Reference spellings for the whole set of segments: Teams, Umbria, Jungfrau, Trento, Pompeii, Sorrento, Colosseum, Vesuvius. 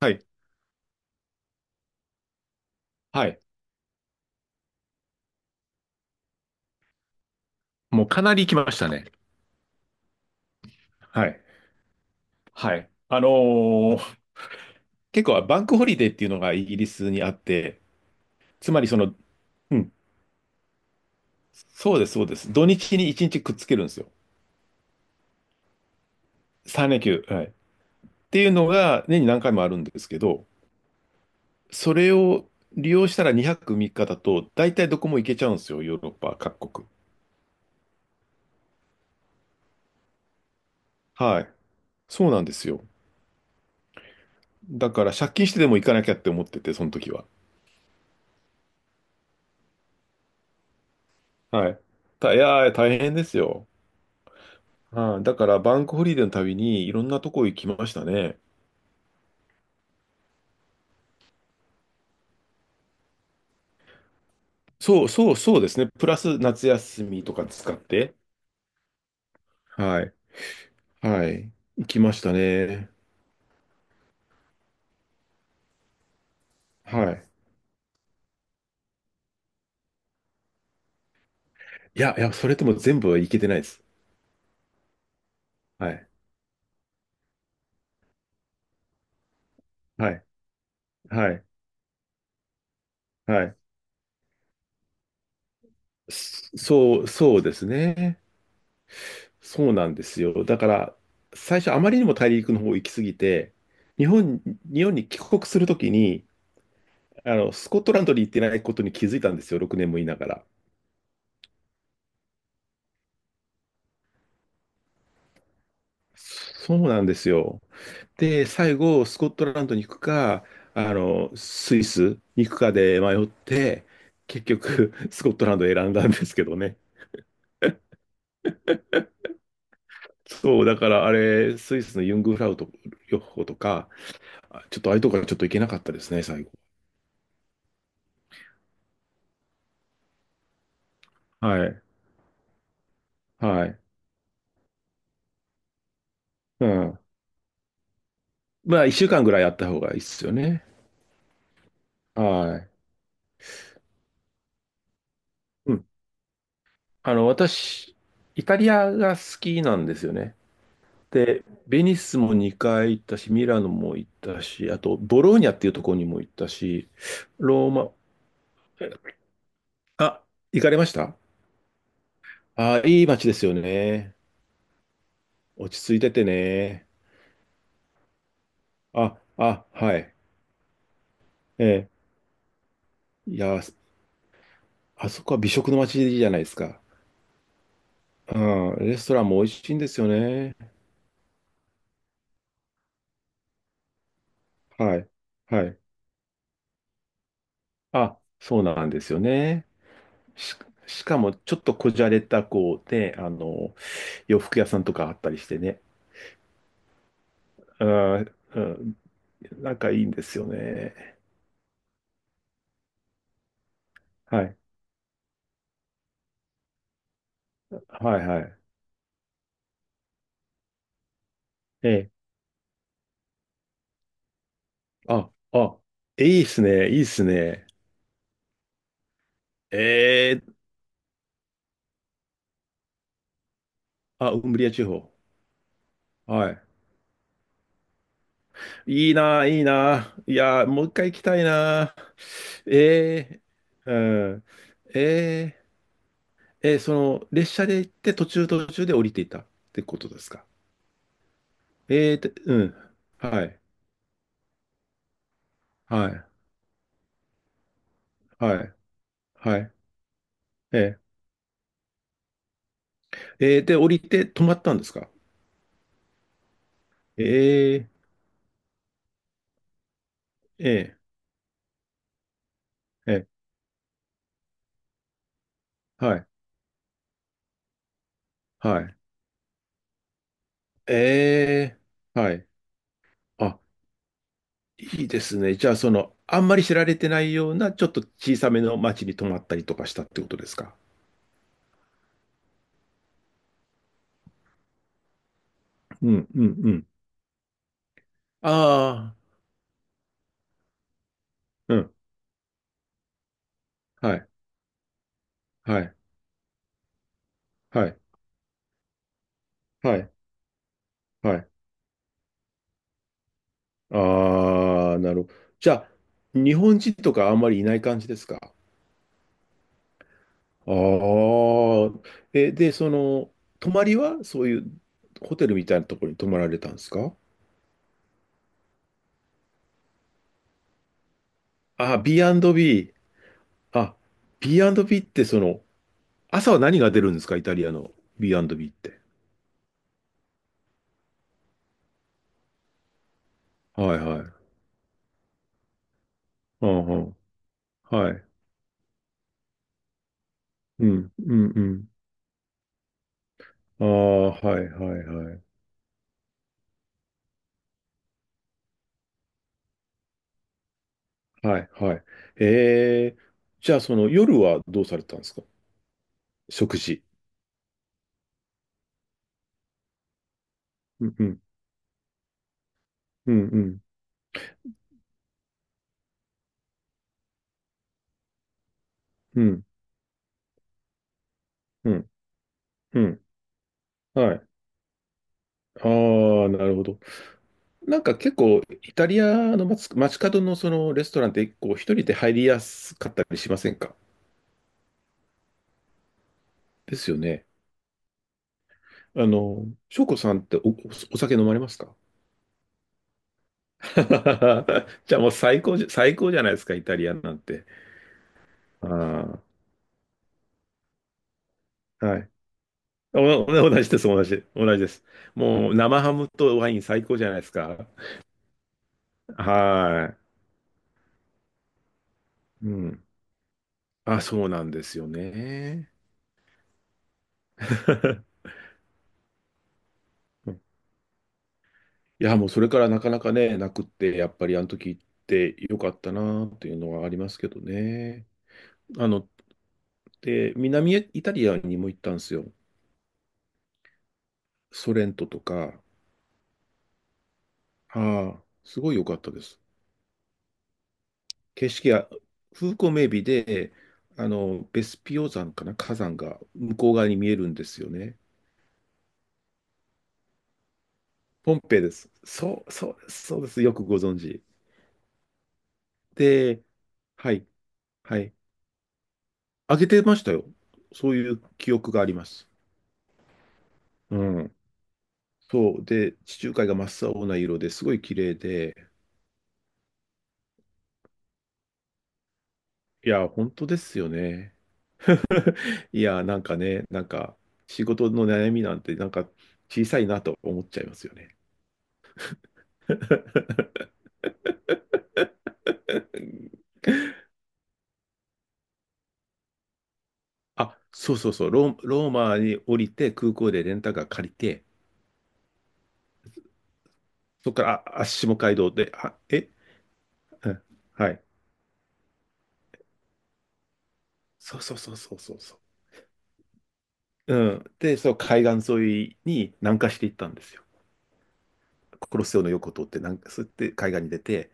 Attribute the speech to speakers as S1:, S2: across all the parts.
S1: はい。はい。もうかなり行きましたね。はい。はい。ー結構バンクホリデーっていうのがイギリスにあって、つまり、うん、そうです、そうです。土日に1日くっつけるんですよ。3連休。はい。っていうのが年に何回もあるんですけど、それを利用したら2泊3日だと、大体どこも行けちゃうんですよ、ヨーロッパ各国。はい。そうなんですよ。だから借金してでも行かなきゃって思ってて、その時は。はい。いやー、大変ですよ。ああ、だからバンクホリデーのたびにいろんなとこ行きましたね。そうそうそうですね。プラス夏休みとか使って、はい。はい。行きましたね。はい。いや、いや、それとも全部は行けてないです。はい。はい。はい。はい。そうですね。そうなんですよ。だから、最初あまりにも大陸の方行き過ぎて、日本、日本に帰国するときに、あの、スコットランドに行ってないことに気づいたんですよ。6年もいながら。そうなんですよ。で、最後、スコットランドに行くか、あの、スイスに行くかで迷って、結局、スコットランドを選んだんですけどね。そう、だからあれ、スイスのユングフラウト予報とか、ちょっとああいうとこからちょっと行けなかったですね、最後。はい。はい。うん。まあ、1週間ぐらいあった方がいいですよね。はい。うん。あの、私、イタリアが好きなんですよね。で、ベニスも2回行ったし、ミラノも行ったし、あと、ボローニャっていうところにも行ったし、ローマ、えあ、行かれました？いい街ですよね。落ち着いててね。はい。ええ、いや、あそこは美食の街じゃないですか。うん、レストランも美味しいんですよね。はい。はい。あ、そうなんですよね。し、しかも、ちょっとこじゃれた、こう、ね、洋服屋さんとかあったりしてね。あー、うん、仲いいんですよね。はい。はいはい。ええ。あ、あ、いいっすね。いいっすね。ええ。あ、ウンブリア地方。はい。いいな、いいな。いや、もう1回行きたいな。ええ。うん。ええ。ええ、列車で行って途中途中で降りていたってことですか。ええー、で、うん。はい。はい。はい。はい。ええ。ええ、で、降りて止まったんですか。ええ。ええ。え、はい、はい、ええ、はい。あ、いいですね。じゃあ、その、あんまり知られてないような、ちょっと小さめの町に泊まったりとかしたってことですか。うん、うん、うん。ああ、うん。はい、はい、はい、はい、はい。ああ、なるほど。じゃあ、日本人とかあんまりいない感じですか。ああ、で、泊まりは、そういうホテルみたいなところに泊まられたんですか。ああ、B&B。あ、B&B って朝は何が出るんですかイタリアの B&B って。はいはい。うんうん。はい。うん、うん、うん。ああ、はいはいはい。はい、はい。えーじゃあその夜はどうされたんですか？食事。うんうん、うん、うん、うん、うん、うん。はい。ああ、なるほど。なんか結構、イタリアの街、街角のそのレストランって、こう、一人で入りやすかったりしませんか？ですよね。翔子さんってお酒飲まれますか？ じゃあもう最高じゃないですか、イタリアンなんて。ああ、はい。おお同じです、同じ、同じです。もう生ハムとワイン最高じゃないですか。はい。うん。あ、そうなんですよね。いや、もうそれからなかなかね、なくって、やっぱりあの時行ってよかったなっていうのはありますけどね。あの、で、南イタリアにも行ったんですよ。ソレントとか。ああ、すごい良かったです。景色が、風光明媚で、ベスピオ山かな、火山が向こう側に見えるんですよね。ポンペイです。そう、そうです、そうです。よくご存知。で、はい、はい。あげてましたよ。そういう記憶があります。うん。そう。で、地中海が真っ青な色ですごい綺麗で、いや、本当ですよね。いや、なんかね、なんか、仕事の悩みなんて、なんか、小さいなと思っちゃいますよね。あ、そうそうそう、ローマに降りて、空港でレンタカー借りて、そこから、下街道で、うん、はい。そうそうそうそうそうそう。うん。で、そう、海岸沿いに南下していったんですよ。コロッセオの横通って、なんか、そうやって海岸に出て、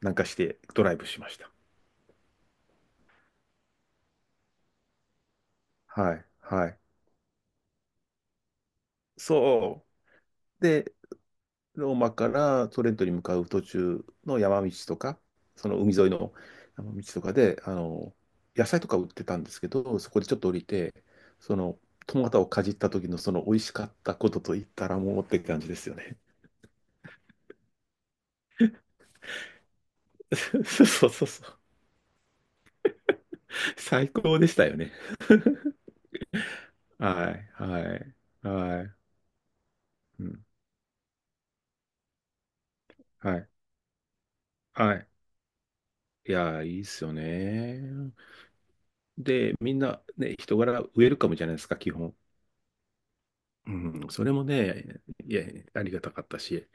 S1: 南下してドライブしました。はい。はい。そう。で、ローマからトレントに向かう途中の山道とか、その海沿いの山道とかで、野菜とか売ってたんですけど、そこでちょっと降りて、その、トマトをかじった時のその美味しかったことと言ったらもうって感じですよね。そうそうそうそう。最高でしたよね。はい、はい、はい、うん、はい、はい。いやー、いいっすよね。で、みんなね、人柄ウェルカムじゃないですか、基本。うん、それもね、いや、ありがたかったし。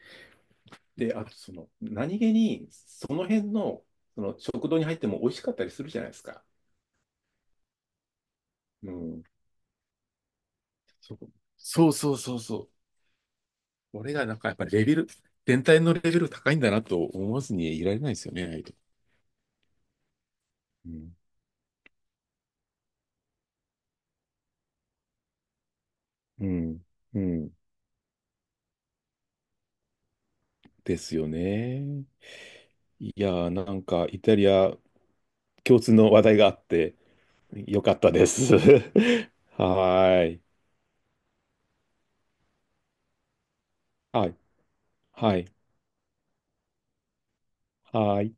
S1: で、あと何気に、その辺の、その食堂に入っても美味しかったりするじゃないですか。うん。そうそうそうそうそう。俺がなんかやっぱレベル、全体のレベル高いんだなと思わずにいられないですよね、ああいうとこ。うん。うん。うんですよね。いやー、なんかイタリア共通の話題があってよかったです。はーい。はい。はい。はい。